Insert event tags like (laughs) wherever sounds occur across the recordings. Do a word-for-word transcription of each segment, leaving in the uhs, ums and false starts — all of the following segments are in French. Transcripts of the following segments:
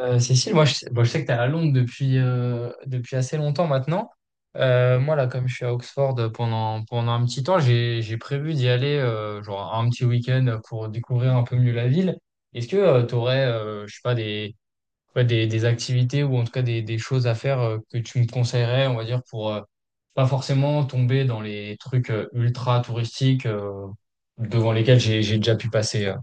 Euh, Cécile, moi je, sais bon, je sais que tu es à Londres depuis, euh, depuis assez longtemps maintenant. Euh, moi, là, comme je suis à Oxford pendant, pendant un petit temps, j'ai, j'ai prévu d'y aller euh, genre un petit week-end pour découvrir un peu mieux la ville. Est-ce que tu aurais, je sais pas, des, ouais, des, des activités, ou en tout cas des, des choses à faire euh, que tu me conseillerais, on va dire, pour euh, pas forcément tomber dans les trucs euh, ultra touristiques euh, devant lesquels j'ai, j'ai déjà pu passer? euh,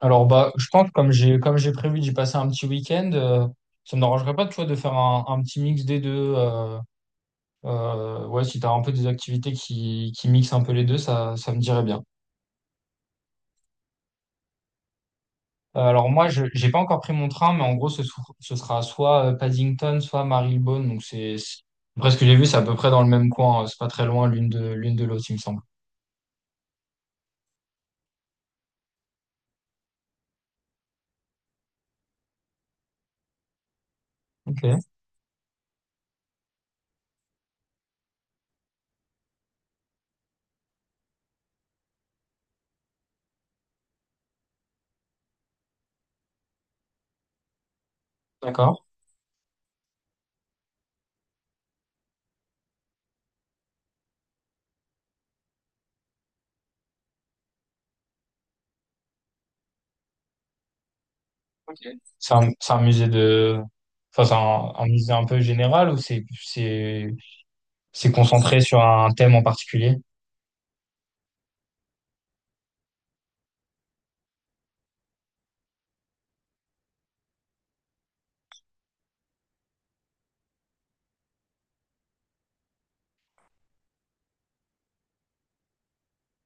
Alors bah je pense, comme j'ai comme j'ai prévu d'y passer un petit week-end, euh, ça ne m'arrangerait pas, tu vois, de faire un, un petit mix des deux. euh, euh, ouais, si tu as un peu des activités qui, qui mixent un peu les deux, ça, ça me dirait bien. Euh, alors moi, je j'ai pas encore pris mon train, mais en gros, ce, sou- ce sera soit euh, Paddington, soit Marylebone. Donc c'est c'est- après ce que j'ai vu, c'est à peu près dans le même coin. euh, C'est pas très loin l'une de l'une de l'autre, il me semble. Ok, d'accord. Ok. C'est un, c'est un musée de... Enfin, c'est un, un musée un peu général, ou c'est c'est C'est concentré sur un thème en particulier?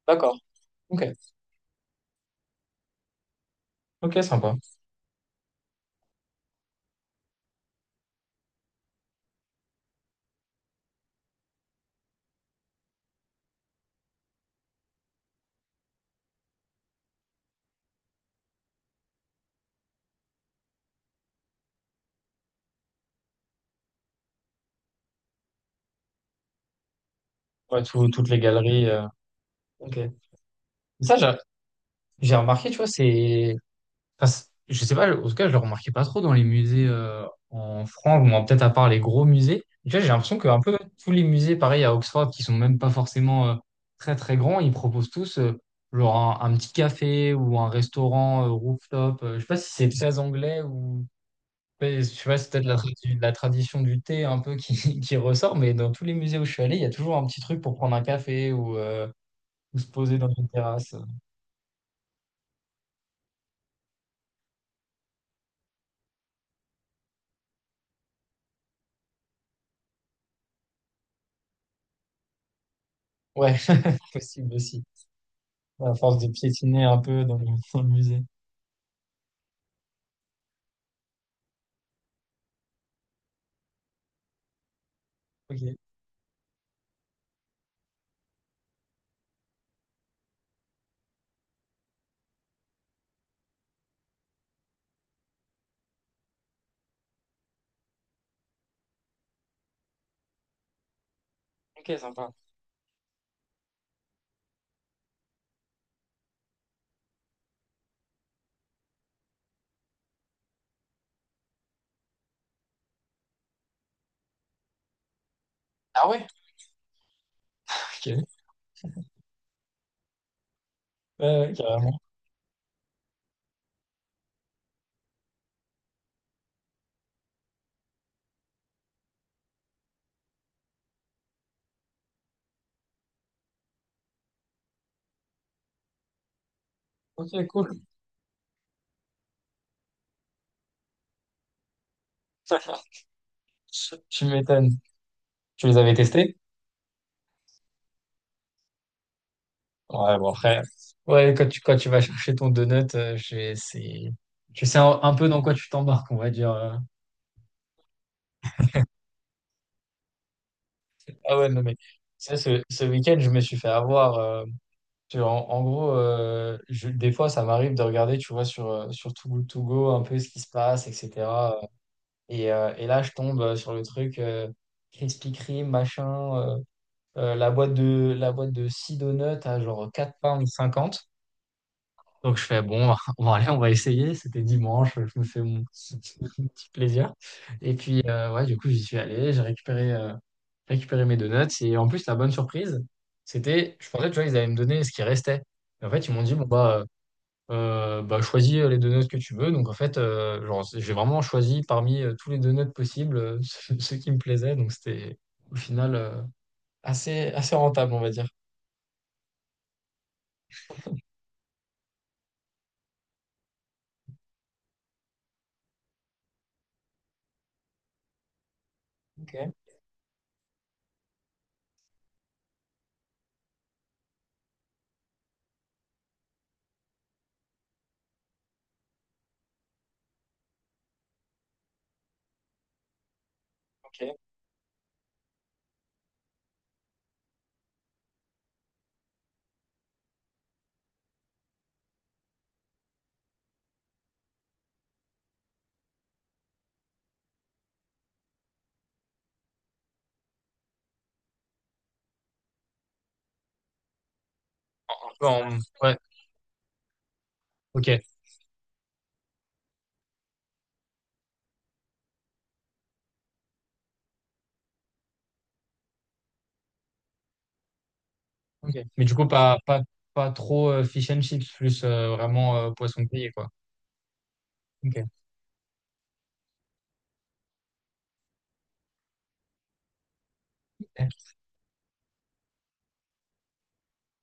D'accord. Ok. Ok, sympa. Ouais, tout- toutes les galeries. Euh, Ok. Ça, j'a- j'ai remarqué, tu vois. C'est. Enfin, c'est- je sais pas, en tout cas, je le remarquais pas trop dans les musées euh, en France, ou moins peut-être, à part les gros musées. Tu vois, j'ai l'impression que un peu tous les musées, pareil à Oxford, qui sont même pas forcément euh, très très grands, ils proposent tous euh, genre un, un petit café ou un restaurant euh, rooftop. Euh, je sais pas si c'est très anglais, ou mais je sais c'est peut-être la, tradi- la tradition du thé un peu qui, (laughs) qui ressort, mais dans tous les musées où je suis allé, il y a toujours un petit truc pour prendre un café, ou, euh, ou se poser dans une terrasse. Ouais, (laughs) possible aussi. À force de piétiner un peu dans le, dans le musée. Ok, ok, sympa. Ah ouais? Ok, ouais, ouais, carrément. Ok, cool. (laughs) Tu m'étonnes. Tu les avais testés? Ouais, bon, après. Ouais, quand tu, quand tu vas chercher ton donut, euh, je- c'est, tu sais un, un peu dans quoi tu t'embarques, on va dire. Euh, Ah ouais, non, mais ça, ce, ce week-end, je me suis fait avoir. Euh, tu vois, en, en gros, euh, je- des fois, ça m'arrive de regarder, tu vois, sur, euh, sur Too Good To Go, un peu ce qui se passe, et cetera. Et, euh, et là, je tombe euh, sur le truc euh, Krispy Kreme, machin, euh, euh, la boîte de, la boîte de six donuts à genre quatre pounds cinquante, donc je fais bon, (laughs) bon allez, on va essayer. C'était dimanche, je me fais mon petit, mon petit plaisir. Et puis euh, ouais, du coup j'y suis allé, j'ai récupéré, euh, récupéré mes donuts. Et en plus, la bonne surprise, c'était, je pensais, tu vois, ils allaient me donner ce qui restait. Et en fait ils m'ont dit bon, bah euh, euh, bah choisis euh, les donuts que tu veux. Donc en fait euh, genre j'ai vraiment choisi parmi euh, tous les donuts possibles euh, (laughs) ceux, ceux qui me plaisaient. Donc c'était au final euh, assez assez rentable, on va dire. Ok, ok. Un peu en- Ouais, ok. Ok. Mais du coup, pas, pas, pas trop euh, fish and chips, plus euh, vraiment euh, poisson grillé, quoi. Ok.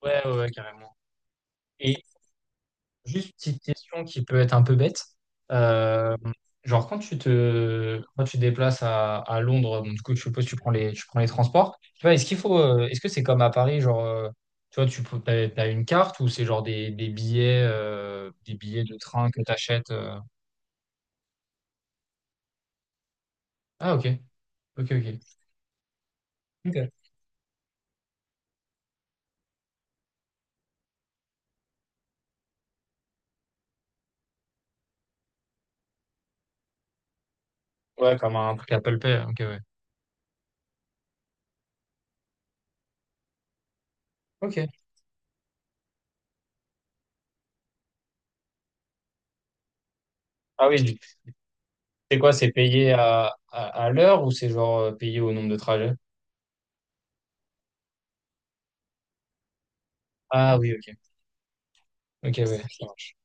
Ouais, ouais, ouais, carrément. Et juste une petite question, qui peut être un peu bête. Euh, genre, quand tu te, quand tu te déplaces à, à Londres, bon, du coup, je suppose que tu prends les, tu prends les, transports. Tu vois, est-ce qu'il faut, euh, est-ce que c'est comme à Paris, genre, euh, tu vois, tu peux, t'as, t'as une carte, ou c'est genre des, des billets, euh, des billets de train que tu achètes? Ah, ok. Ok, ok. Ok. Ouais, comme un truc Apple Pay. Ok, ouais. Ok. Ah oui, c'est quoi? C'est payé à, à, à l'heure, ou c'est genre euh, payé au nombre de trajets? Ah oui, ok. Ok, ouais, ça marche.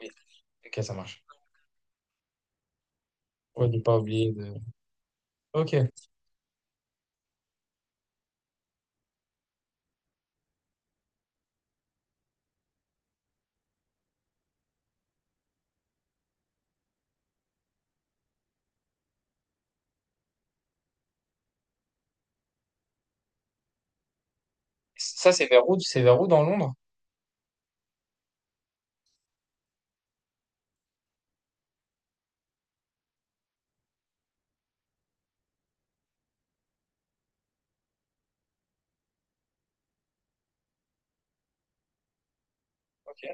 Oui, ok, ça marche. Ouais, de pas oublier de... Ok. Ça, c'est vers où? C'est vers où dans Londres? Ok.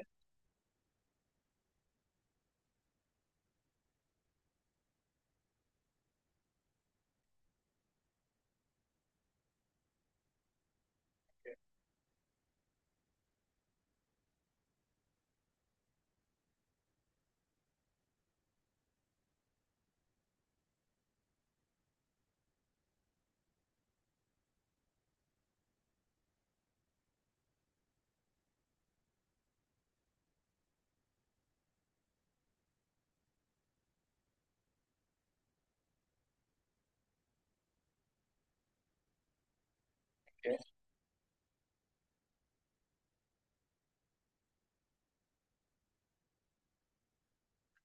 Ok.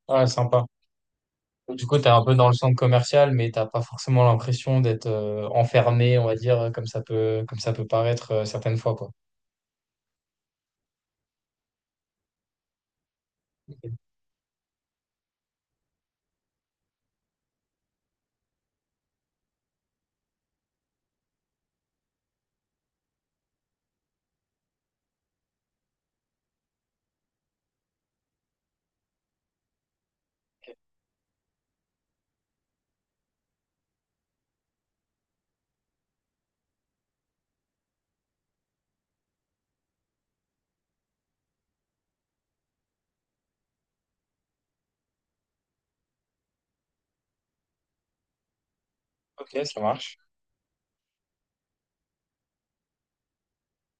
Ah, sympa. Du coup, t'es un peu dans le centre commercial, mais t'as pas forcément l'impression d'être euh, enfermé, on va dire, comme ça peut, comme ça peut paraître euh, certaines fois, quoi. Ok. Ok, ça marche.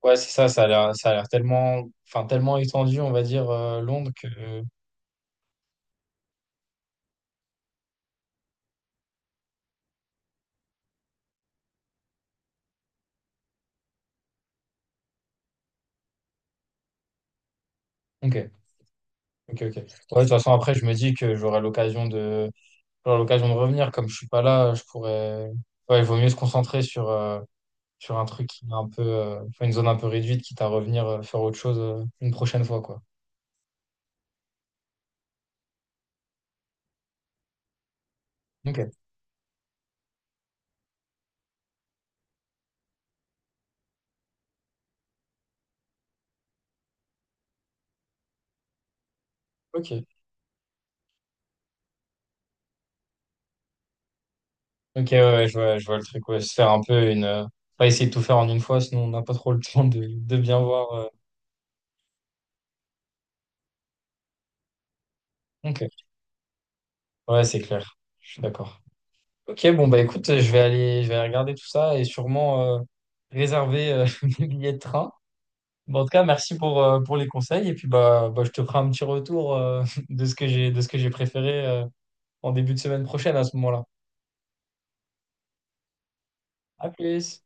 Ouais, c'est ça, ça a l'air, ça a l'air tellement, enfin, tellement étendu, on va dire, euh, Londres, que... euh, Ok. Ok, ok. Ouais, de toute façon, après, je me dis que j'aurai l'occasion de, j'aurai l'occasion de revenir. Comme je suis pas là, je pourrais. Ouais, il vaut mieux se concentrer sur, euh, sur un truc qui est un peu, euh, enfin, une zone un peu réduite, quitte à revenir euh, faire autre chose euh, une prochaine fois, quoi. Ok, ok. Ok, ouais, ouais, je vois, je vois le truc. Ouais, se faire un peu une, euh, pas essayer de tout faire en une fois, sinon on n'a pas trop le (laughs) temps de, de bien voir. Euh. Ok. Ouais, c'est clair. Je suis d'accord. Ok, bon, bah écoute, je vais aller, je vais aller regarder tout ça, et sûrement euh, réserver euh, (laughs) mes billets de train. Bon, en tout cas, merci pour, euh, pour les conseils. Et puis, bah, bah, je te ferai un petit retour euh, (laughs) de ce que j'ai, de ce que j'ai préféré euh, en début de semaine prochaine, à ce moment-là. À plus!